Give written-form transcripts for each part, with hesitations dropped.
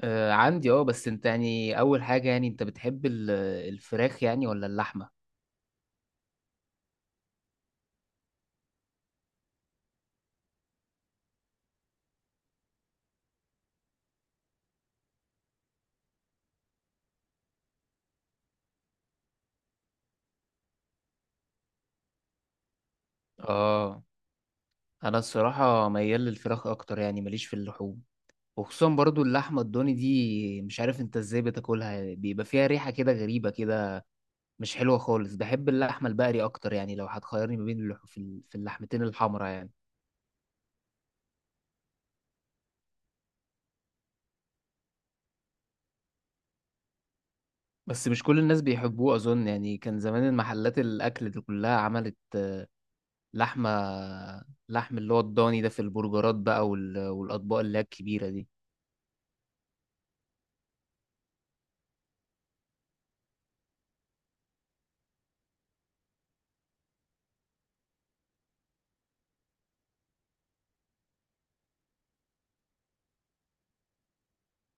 آه عندي بس انت يعني اول حاجة، يعني انت بتحب الفراخ، يعني ولا اللحمة؟ اه، انا الصراحة ميال للفراخ اكتر، يعني ماليش في اللحوم. وخصوصا برضو اللحمة الضاني دي، مش عارف انت ازاي بتاكلها، بيبقى فيها ريحة كده غريبة كده، مش حلوة خالص. بحب اللحمة البقري اكتر، يعني لو هتخيرني ما بين في اللحمتين الحمرا يعني. بس مش كل الناس بيحبوه اظن، يعني كان زمان المحلات الاكل دي كلها عملت لحمة لحم اللي هو الضاني ده في البرجرات بقى والأطباق اللي هي الكبيرة دي.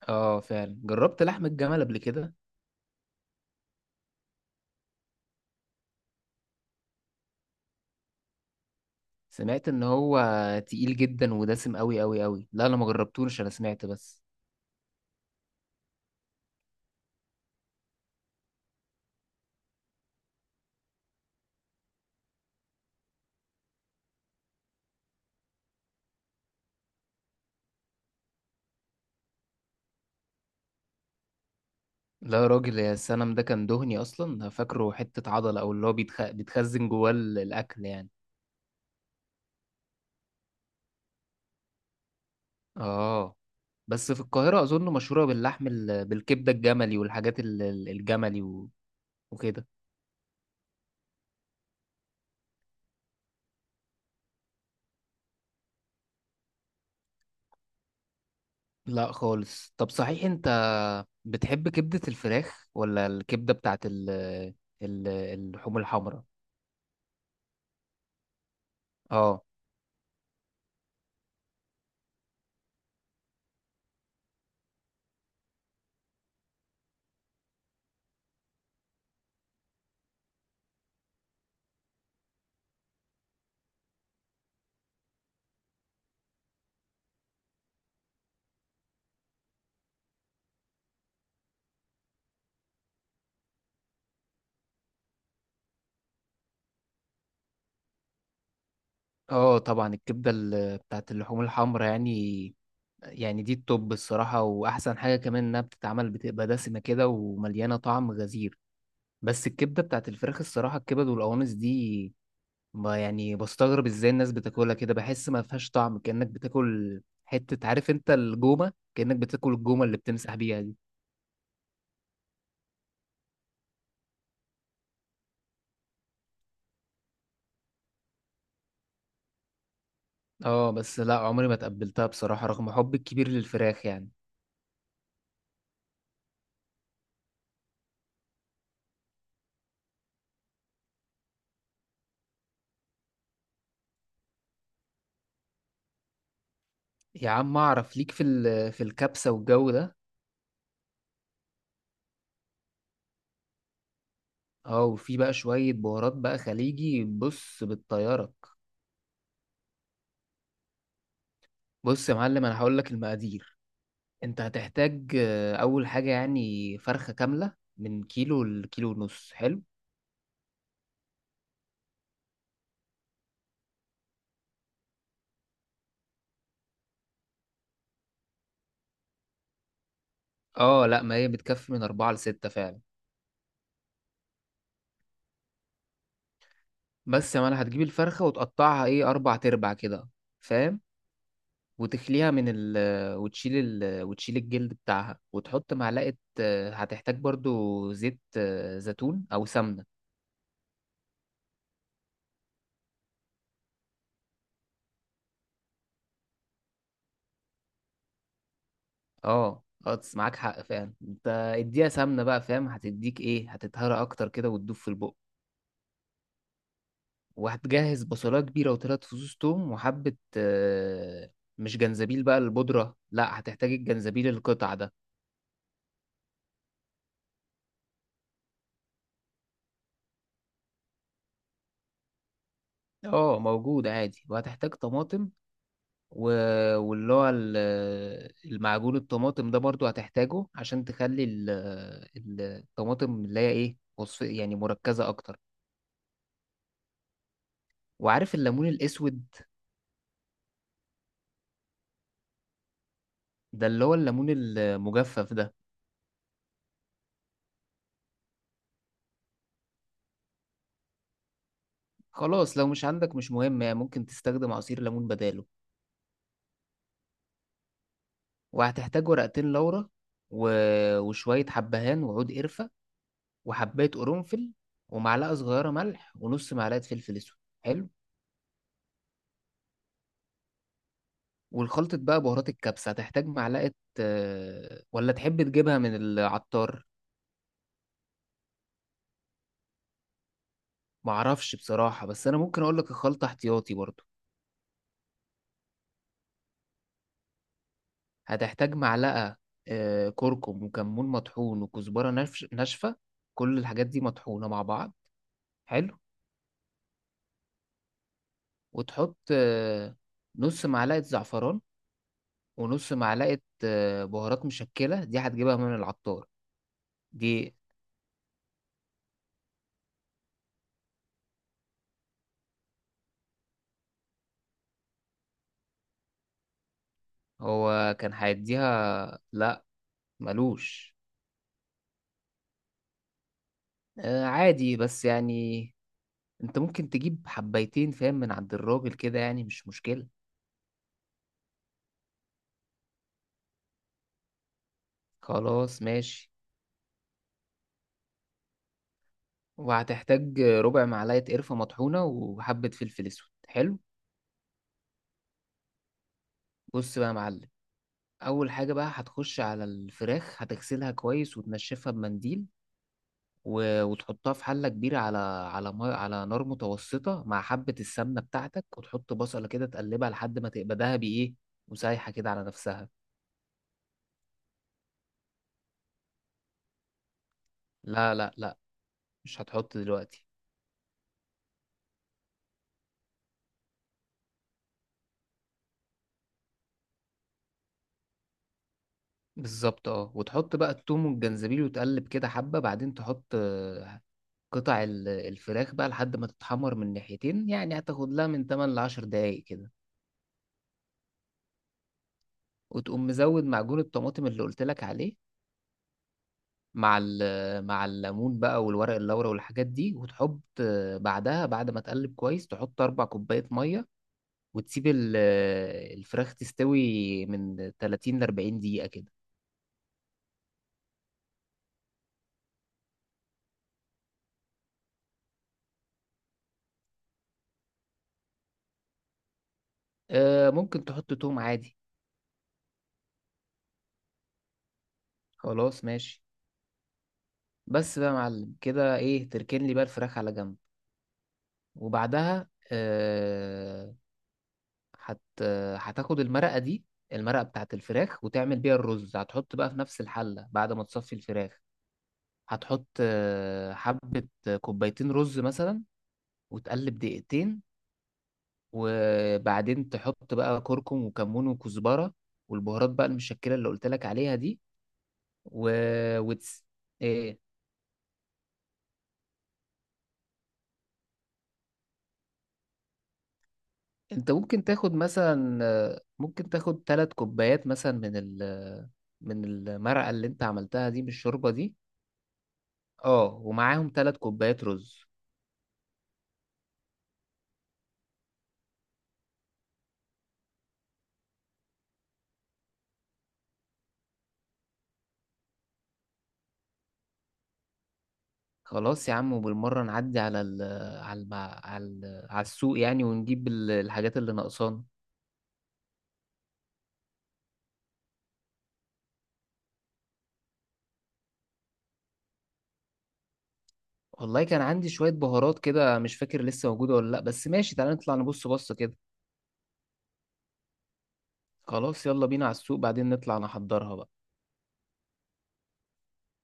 اه، فعلا جربت لحم الجمل قبل كده. سمعت ان هو تقيل جدا ودسم قوي قوي قوي. لا انا ما جربتوش، انا سمعت بس. لا يا راجل، يا السنم ده كان دهني اصلا، أنا فاكره حتة عضلة او اللي هو بيتخزن جواه الاكل يعني. اه، بس في القاهرة اظن مشهورة باللحم بالكبدة الجملي والحاجات الجملي وكده. لا خالص. طب صحيح انت بتحب كبدة الفراخ ولا الكبدة بتاعت ال ال اللحوم الحمراء؟ اه، اه، طبعا الكبدة بتاعت اللحوم الحمراء، يعني دي التوب الصراحة، واحسن حاجة كمان انها بتتعمل بتبقى دسمة كده ومليانة طعم غزير. بس الكبدة بتاعت الفراخ الصراحة، الكبد والقوانص دي، ما يعني بستغرب ازاي الناس بتاكلها كده، بحس ما فيهاش طعم، كأنك بتاكل حتة، عارف انت الجومة، كأنك بتاكل الجومة اللي بتمسح بيها دي. اه، بس لا، عمري ما تقبلتها بصراحة رغم حبي الكبير للفراخ يعني. يا عم اعرف ليك في الكبسة والجو ده. اه، وفي بقى شوية بهارات بقى خليجي، بص بتطيرك. بص يا معلم، انا هقول لك المقادير. انت هتحتاج، اول حاجة يعني فرخة كاملة من كيلو لكيلو ونص. حلو. اه لا، ما هي بتكفي من اربعة لستة فعلا. بس يا معلم، هتجيب الفرخة وتقطعها، ايه، اربع تربع كده، فاهم؟ وتخليها من ال وتشيل ال وتشيل الجلد بتاعها وتحط معلقة. هتحتاج برضو زيت زيتون أو سمنة. اه، اه، معاك حق فعلا انت. اديها سمنة بقى، فاهم، هتديك ايه، هتتهرى اكتر كده وتدوب في البق. وهتجهز بصلاية كبيرة وتلات فصوص توم وحبة، مش جنزبيل بقى البودرة، لا هتحتاج الجنزبيل القطع ده. اه، موجود عادي، وهتحتاج طماطم. واللي هو المعجون الطماطم ده برضو هتحتاجه عشان تخلي الطماطم اللي هي ايه، وصف يعني مركزة اكتر. وعارف الليمون الاسود، ده اللي هو الليمون المجفف ده. خلاص، لو مش عندك مش مهم، يعني ممكن تستخدم عصير ليمون بداله. وهتحتاج ورقتين لورا وشوية حبهان وعود قرفة وحباية قرنفل ومعلقة صغيرة ملح ونص معلقة فلفل اسود. حلو. والخلطة بقى بهارات الكبسة هتحتاج معلقة، ولا تحب تجيبها من العطار؟ معرفش بصراحة، بس أنا ممكن أقولك الخلطة احتياطي برضو. هتحتاج معلقة كركم وكمون مطحون وكزبرة ناشفة. كل الحاجات دي مطحونة مع بعض. حلو. وتحط نص معلقة زعفران ونص معلقة بهارات مشكلة، دي هتجيبها من العطار. دي هو كان هيديها، لا. ملوش عادي، بس يعني انت ممكن تجيب حبايتين، فاهم، من عند الراجل كده يعني مش مشكلة. خلاص ماشي. وهتحتاج ربع معلقة قرفة مطحونة وحبة فلفل اسود. حلو. بص بقى يا معلم، اول حاجة بقى هتخش على الفراخ، هتغسلها كويس وتنشفها بمنديل. وتحطها في حلة كبيرة على على ما... على نار متوسطة مع حبة السمنة بتاعتك، وتحط بصلة كده تقلبها لحد ما تبقى دهبي ايه وسايحة كده على نفسها. لا، لا، لا، مش هتحط دلوقتي. بالظبط. اه، وتحط بقى التوم والجنزبيل وتقلب كده حبة، بعدين تحط قطع الفراخ بقى لحد ما تتحمر من ناحيتين، يعني هتاخد لها من 8 ل 10 دقايق كده. وتقوم مزود معجون الطماطم اللي قلت لك عليه مع الليمون بقى والورق اللورا والحاجات دي، وتحط، بعدها بعد ما تقلب كويس تحط أربع كوباية مية، وتسيب الفراخ تستوي من 30 ل 40 دقيقة كده. ممكن تحط توم عادي. خلاص ماشي. بس بقى يا معلم، كده ايه، تركن لي بقى الفراخ على جنب، وبعدها آه هت هتاخد المرقة دي، المرقة بتاعت الفراخ وتعمل بيها الرز. هتحط بقى في نفس الحلة بعد ما تصفي الفراخ. هتحط حبة كوبايتين رز مثلا، وتقلب دقيقتين. وبعدين تحط بقى كركم وكمون وكزبرة والبهارات بقى المشكلة اللي قلت لك عليها دي و... وتس... إيه، انت ممكن تاخد ثلاث كوبايات مثلا من المرقة اللي انت عملتها دي، من الشوربة دي. اه، ومعاهم ثلاث كوبايات رز. خلاص يا عم. وبالمرة نعدي على ال على الم- على ال- على السوق يعني، ونجيب الحاجات اللي ناقصانا. والله كان عندي شوية بهارات كده، مش فاكر لسه موجودة ولا لأ، بس ماشي، تعالى نطلع نبص بصة كده. خلاص، يلا بينا على السوق، بعدين نطلع نحضرها بقى.